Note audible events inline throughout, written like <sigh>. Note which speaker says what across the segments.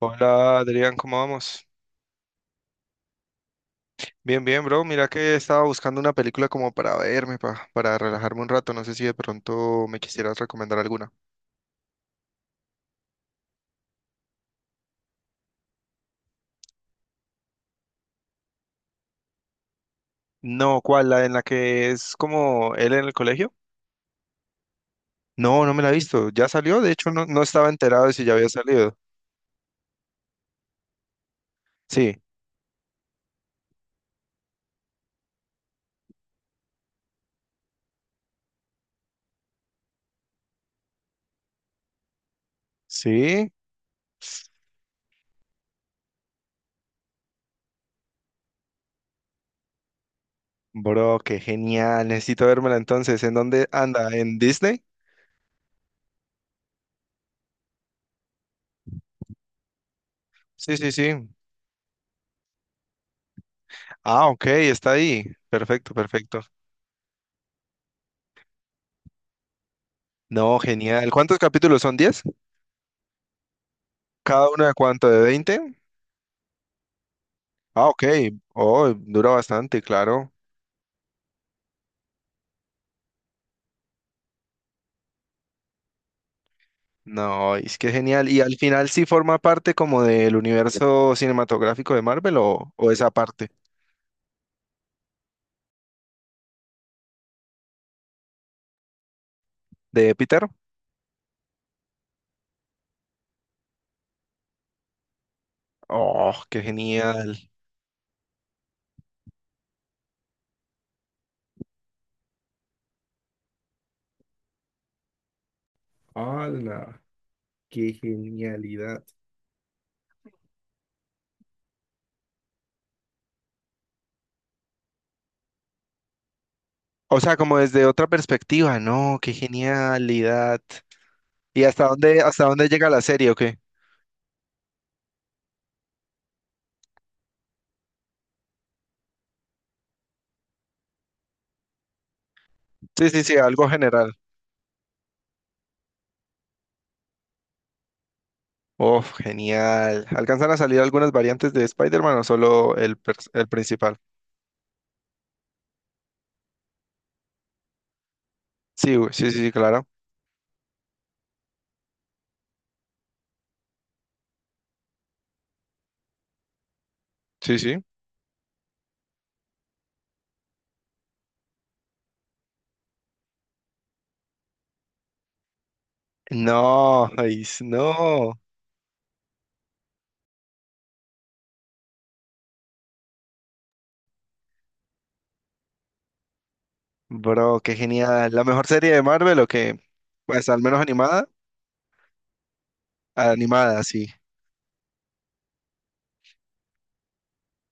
Speaker 1: Hola Adrián, ¿cómo vamos? Bien, bien, bro. Mira que estaba buscando una película como para verme, para relajarme un rato. No sé si de pronto me quisieras recomendar alguna. No, ¿cuál? ¿La en la que es como él en el colegio? No, no me la he visto. ¿Ya salió? De hecho, no, no estaba enterado de si ya había salido. Sí, sí. Bro, qué genial. Necesito vérmela entonces. ¿En dónde anda? ¿En Disney? Sí, sí, sí. Ah, ok, está ahí. Perfecto, perfecto. No, genial. ¿Cuántos capítulos son? 10. ¿Cada uno de cuánto? ¿De veinte? Ah, ok. Oh, dura bastante, claro. No, es que genial. ¿Y al final sí forma parte como del universo cinematográfico de Marvel o esa parte de Peter? Oh, qué genial. ¡Hala! ¡Qué genialidad! O sea, como desde otra perspectiva, no, qué genialidad. ¿Y hasta dónde llega la serie o qué? Sí, sí, sí, algo general. Oh, genial. ¿Alcanzan a salir algunas variantes de Spider-Man o solo el, el principal? Sí, güey, sí, sí, sí, claro. Sí, sí. No, ay, no, bro, qué genial. ¿La mejor serie de Marvel o qué? Pues al menos animada. Animada, sí.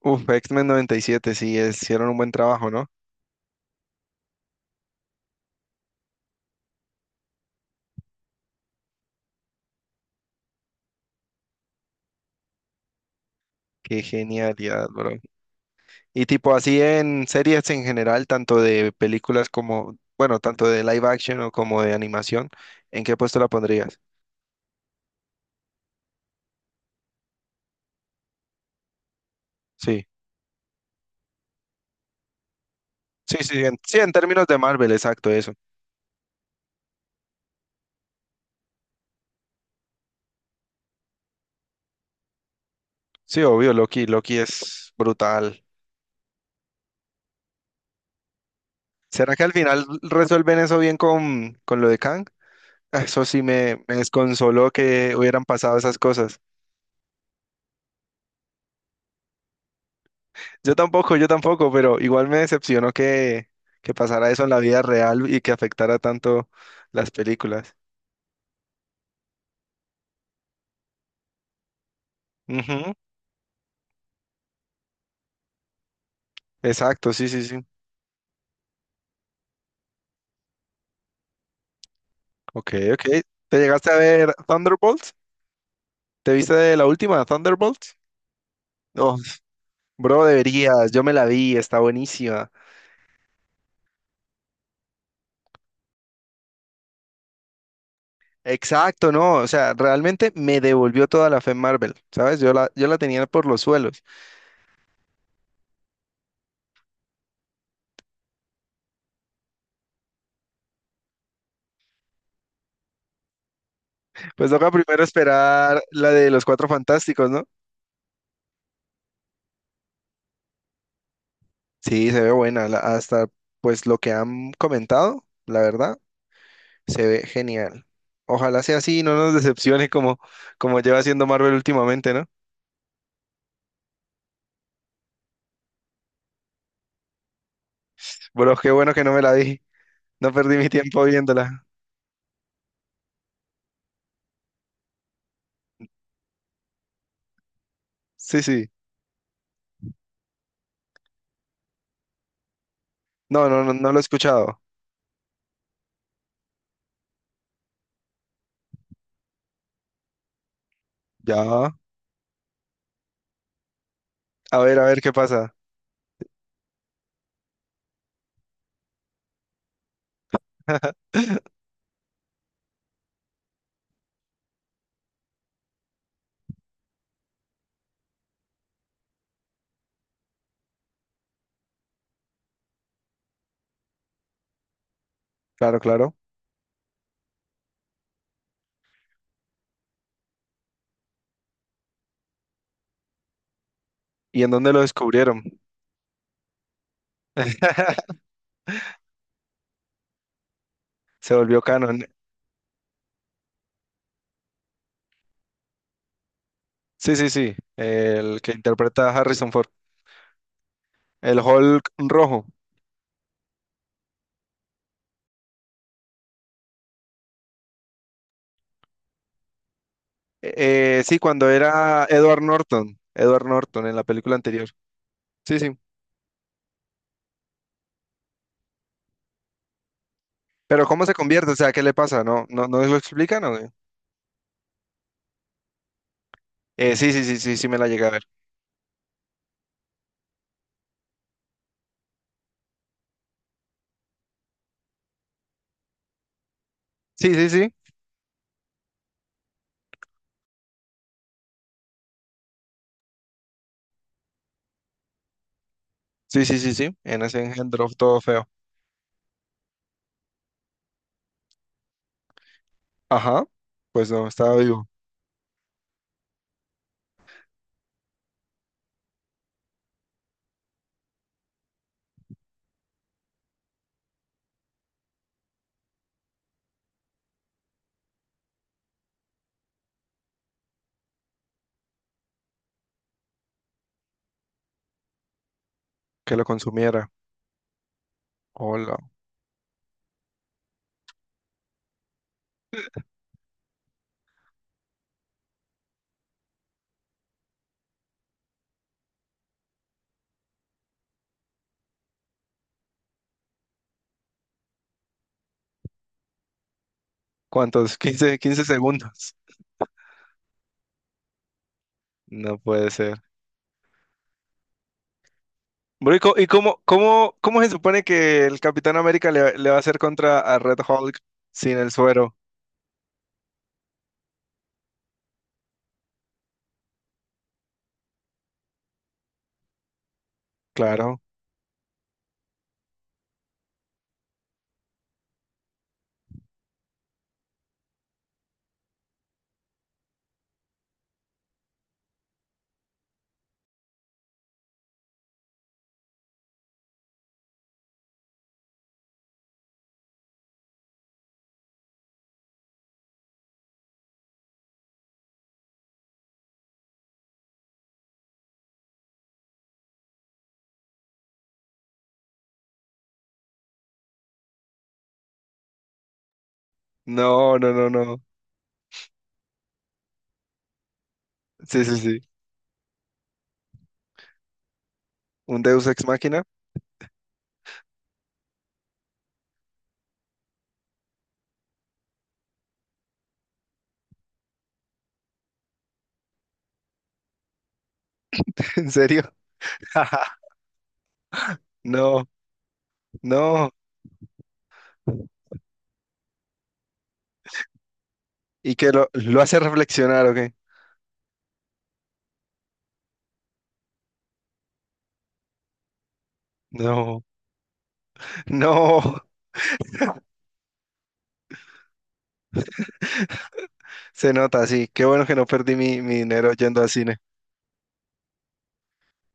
Speaker 1: Uf, X-Men 97, sí, hicieron un buen trabajo, ¿no? Qué genialidad, bro. Y tipo así en series en general, tanto de películas como, bueno, tanto de live action o como de animación, ¿en qué puesto la pondrías? Sí, sí, sí, en, sí, en términos de Marvel, exacto, eso. Sí, obvio, Loki, Loki es brutal. ¿Será que al final resuelven eso bien con lo de Kang? Ah, eso sí me desconsoló que hubieran pasado esas cosas. Yo tampoco, pero igual me decepcionó que pasara eso en la vida real y que afectara tanto las películas. Ujú. Exacto, sí, sí, sí. Ok, ok. ¿Te llegaste a ver Thunderbolts? ¿Te viste la última, Thunderbolts? Oh, bro, deberías, yo me la vi, está buenísima. Exacto, no, o sea, realmente me devolvió toda la fe en Marvel, ¿sabes? Yo la, yo la tenía por los suelos. Pues toca primero esperar la de los Cuatro Fantásticos, ¿no? Sí, se ve buena. Hasta pues lo que han comentado, la verdad, se ve genial. Ojalá sea así y no nos decepcione como, como lleva haciendo Marvel últimamente, ¿no? Bueno, qué bueno que no me la vi. No perdí mi tiempo viéndola. Sí, sí. No, no, no, no lo he escuchado. Ya. A ver qué pasa. <laughs> Claro, claro. ¿Y en dónde lo descubrieron? <laughs> Se volvió canon. Sí, sí, sí. El que interpreta a Harrison Ford. El Hulk rojo. Sí, cuando era Edward Norton. Edward Norton en la película anterior. Sí, sí. Pero ¿cómo se convierte? O sea, ¿qué le pasa? ¿No, no, no lo explican o qué? Sí, sí, sí, sí, sí me la llegué a ver. Sí, sí, sí. Sí, sí, sí, sí. En ese engendro todo feo. Ajá. Pues no, estaba vivo. Que lo consumiera. Hola. ¿Cuántos? <laughs> Quince, 15 segundos. No puede ser. Bro, ¿y y cómo, cómo, cómo se supone que el Capitán América le, le va a hacer contra a Red Hulk sin el suero? Claro. No, no, no, no. Sí, sí, sí. ¿Un Deus ex máquina? <laughs> ¿En serio? <laughs> No, no. ¿Y que lo hace reflexionar o qué? No, <laughs> no. Se nota, sí. Qué bueno que no perdí mi, mi dinero yendo al cine.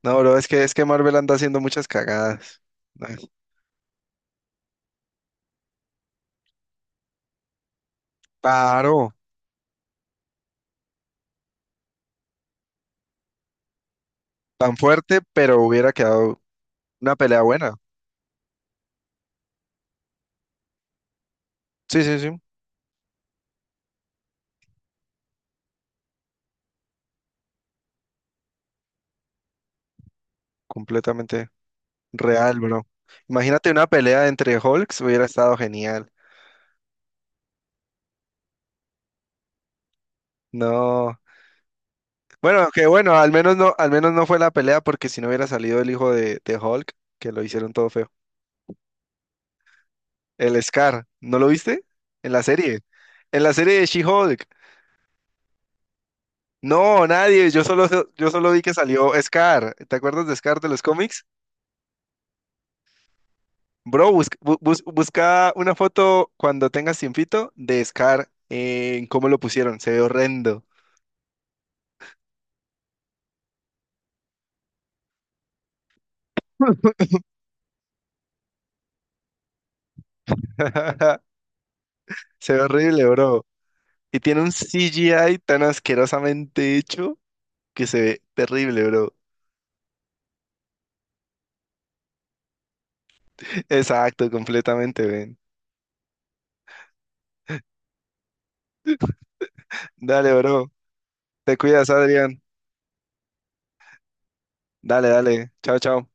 Speaker 1: No, bro, es que Marvel anda haciendo muchas cagadas. Ay, paró. Tan fuerte, pero hubiera quedado una pelea buena. Sí, sí, sí. Completamente real, bro. Imagínate una pelea entre Hulks, hubiera estado genial. No. Bueno, que bueno, al menos no fue la pelea porque si no hubiera salido el hijo de Hulk, que lo hicieron todo feo. El Scar, ¿no lo viste? En la serie. En la serie de She-Hulk. No, nadie, yo solo vi que salió Scar. ¿Te acuerdas de Scar de los cómics? Bro, busca, busca una foto cuando tengas tiempito de Scar en cómo lo pusieron. Se ve horrendo. <laughs> Se ve horrible, bro. Y tiene un CGI tan asquerosamente hecho que se ve terrible, bro. Exacto, completamente, ven. Dale, bro. Te cuidas, Adrián. Dale, dale. Chao, chao.